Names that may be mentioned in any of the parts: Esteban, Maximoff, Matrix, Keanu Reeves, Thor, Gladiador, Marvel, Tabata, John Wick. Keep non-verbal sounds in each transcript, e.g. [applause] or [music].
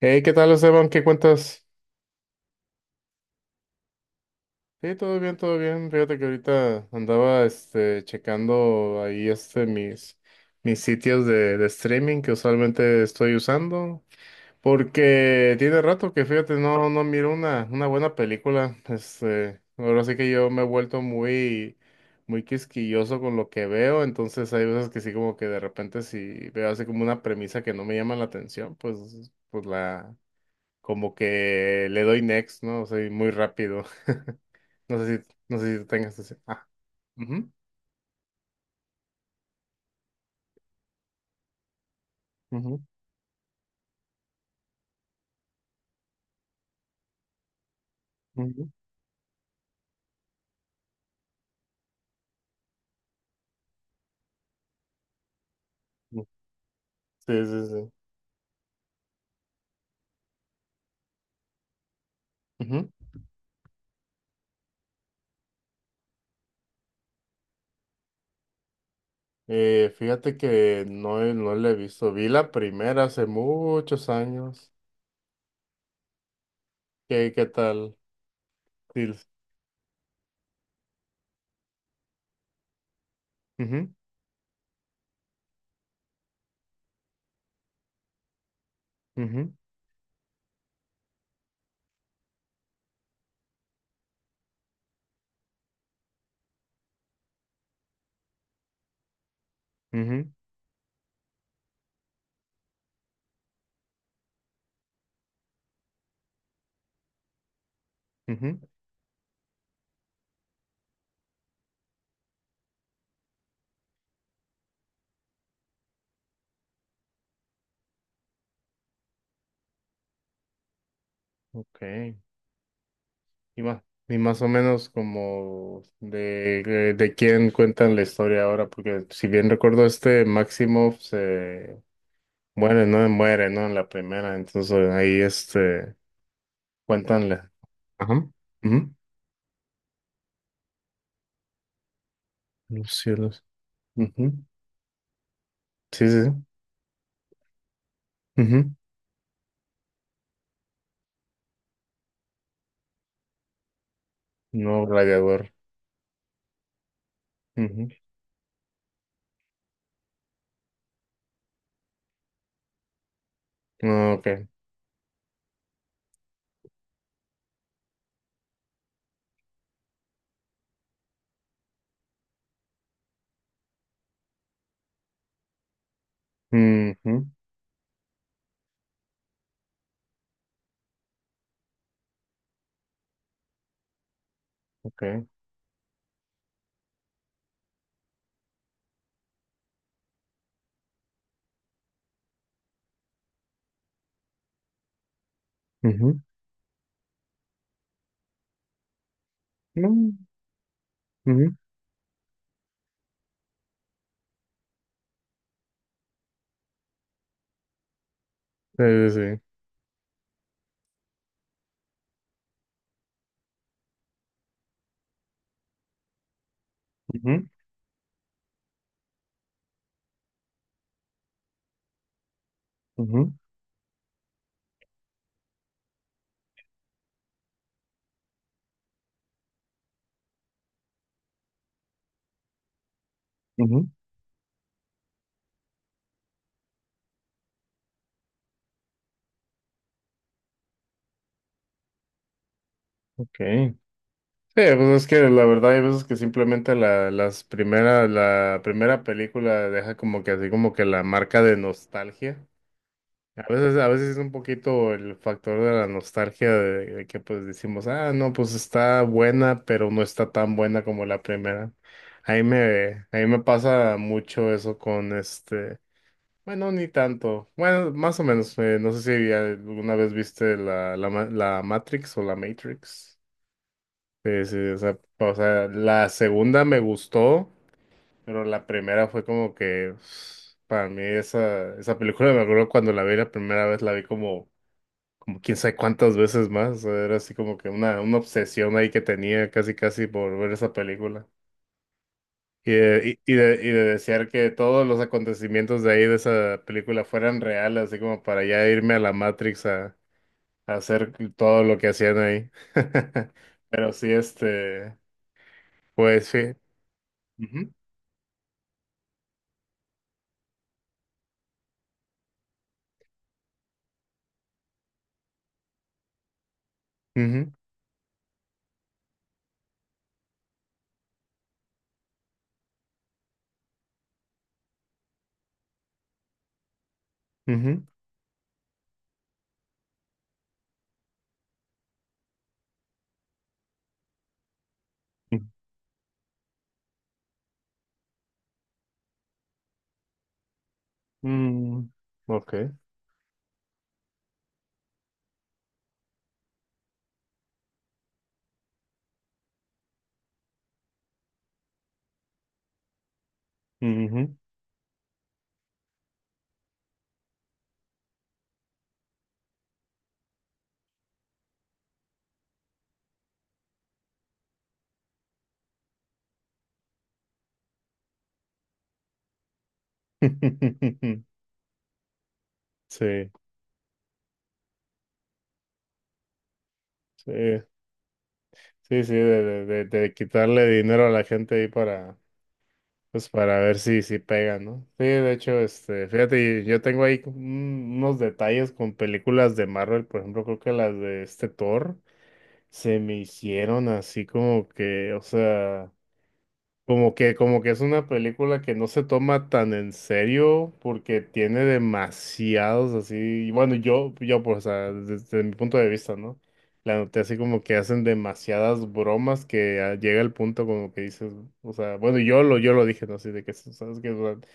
Hey, ¿qué tal, Esteban? ¿Qué cuentas? Sí, todo bien, todo bien. Fíjate que ahorita andaba checando ahí mis sitios de streaming que usualmente estoy usando. Porque tiene rato que fíjate, no, no miro una buena película. Ahora sí que yo me he vuelto muy quisquilloso con lo que veo. Entonces hay veces que sí, como que de repente si veo así como una premisa que no me llama la atención, pues la como que le doy next, ¿no? Soy muy rápido. [laughs] No sé si, no sé si tú tengas ese. Ujú, ujú, ujú, ujú. Sí, sí, sí. Ujú. Fíjate que no, no la he visto. Vi la primera hace muchos años. ¿Qué, qué tal? Sí. Ujú, ujú, ujú, ujú. Ok. Y más, y más o menos como de quién cuentan la historia ahora, porque si bien recuerdo Maximoff se muere, no muere, ¿no? En la primera, entonces ahí cuéntanle. Ajá. Ujú. Los cielos. Ujú. Sí, sí, sí. Ujú. No gladiador. Ujú. No, ok. Ujú, ok. Ujú. No. Ujú. Sí, sí, sí. Ujú, ujú, ujú. Ok. Sí, pues es que la verdad hay veces que simplemente la, las primeras, la primera película deja como que así como que la marca de nostalgia. A veces es un poquito el factor de la nostalgia de que pues decimos, ah, no, pues está buena, pero no está tan buena como la primera. Ahí me pasa mucho eso con bueno, ni tanto. Bueno, más o menos, no sé si ya alguna vez viste la Matrix o la Matrix. Sí, sí, o sea, la segunda me gustó, pero la primera fue como que, [sniffs] para mí esa, esa película, me acuerdo cuando la vi la primera vez, la vi como como quién sabe cuántas veces más. O sea, era así como que una obsesión ahí que tenía casi casi por ver esa película. Y de desear que todos los acontecimientos de ahí de esa película fueran reales, así como para ya irme a la Matrix a hacer todo lo que hacían ahí. [laughs] Pero sí, pues sí. Ujú, ujú, ujú, ujú. Mm, ok. Ujú. [laughs] Sí, sí. Sí, sí, de quitarle dinero a la gente ahí para, pues para ver si, si pega, ¿no? Sí, de hecho, fíjate, yo tengo ahí unos detalles con películas de Marvel, por ejemplo, creo que las de Thor se me hicieron así como que, o sea. Como que es una película que no se toma tan en serio porque tiene demasiados así, y bueno, yo pues, o sea, desde, mi punto de vista, ¿no? La noté así como que hacen demasiadas bromas que ah, llega el punto como que dices, o sea, bueno, yo lo dije, ¿no? Así de que, ¿sabes qué? O sea,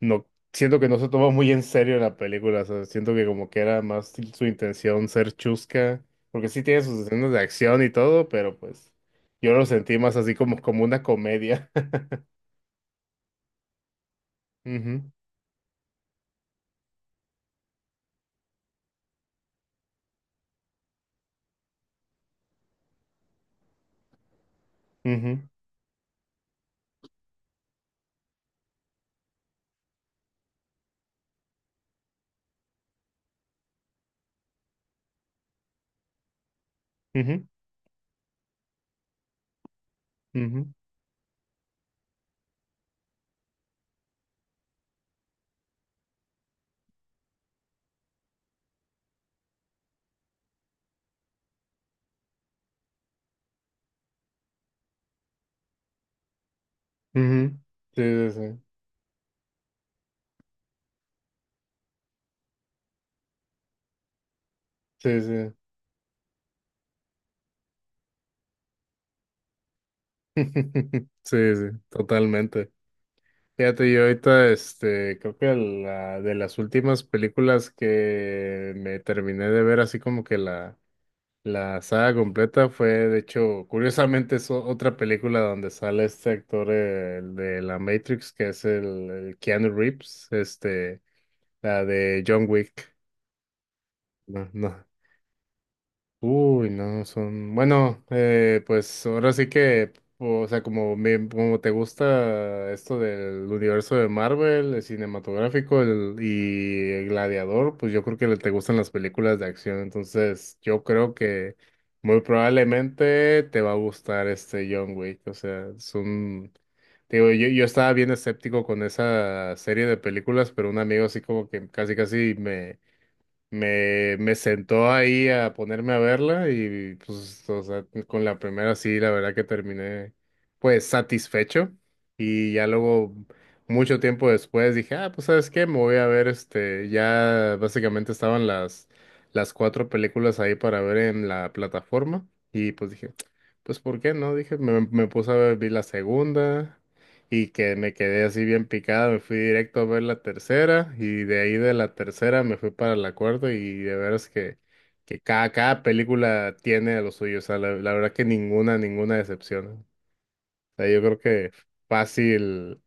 no, siento que no se toma muy en serio la película, o sea, siento que como que era más su intención ser chusca, porque sí tiene sus escenas de acción y todo, pero pues yo lo sentí más así como, como una comedia. Ujú, ujú, ujú, ujú, ujú. Sí, sí, sí, sí, sí, [laughs] sí, sí, totalmente. Fíjate, yo ahorita, creo que la de las últimas películas que me terminé de ver, así como que la saga completa fue, de hecho, curiosamente es otra película donde sale este actor el de la Matrix, que es el Keanu Reeves, la de John Wick. No, no. Uy, no, son, bueno, pues ahora sí que, o sea, como, como te gusta esto del universo de Marvel, el cinematográfico y el Gladiador, pues yo creo que te gustan las películas de acción, entonces yo creo que muy probablemente te va a gustar este John Wick, o sea, es un, te digo, yo estaba bien escéptico con esa serie de películas, pero un amigo así como que casi casi me sentó ahí a ponerme a verla y pues, o sea, con la primera sí, la verdad que terminé pues satisfecho y ya luego mucho tiempo después dije, ah, pues sabes qué, me voy a ver este, ya básicamente estaban las cuatro películas ahí para ver en la plataforma y pues dije, pues ¿por qué no? Dije, me puse a ver, vi la segunda. Y que me quedé así bien picada, me fui directo a ver la tercera y de ahí de la tercera me fui para la cuarta y de veras que cada, cada película tiene lo suyo, o sea, la verdad que ninguna, ninguna decepciona. O sea, yo creo que fácil,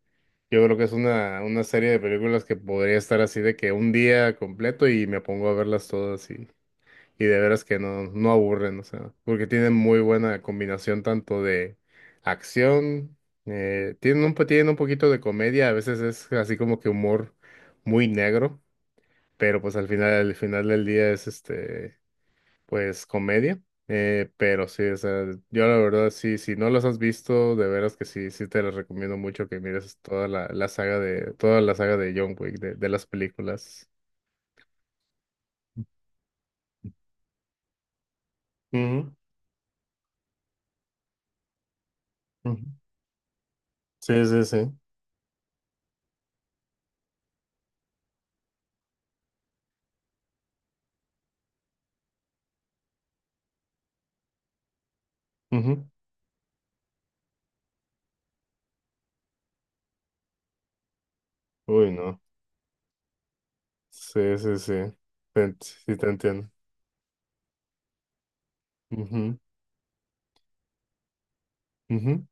yo creo que es una serie de películas que podría estar así de que un día completo y me pongo a verlas todas y de veras que no, no aburren, o sea, porque tienen muy buena combinación tanto de acción, tienen un, tienen un poquito de comedia, a veces es así como que humor muy negro, pero pues al final del día es pues comedia. Pero sí, o sea, yo la verdad sí, si no los has visto, de veras que sí, sí te los recomiendo mucho que mires toda la, la saga de, toda la saga de John Wick, de las películas. Ujú, ujú. Sí, sí, sí. Ujú. Uy, no. Sí, sí, sí. Sí, te entiendo. Ujú, ujú,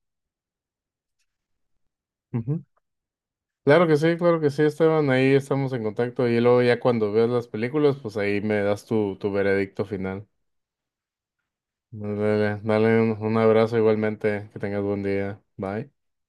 ujú. Claro que sí, Esteban. Ahí estamos en contacto. Y luego ya cuando veas las películas, pues ahí me das tu, tu veredicto final. Dale, dale un abrazo igualmente. Que tengas buen día. Bye.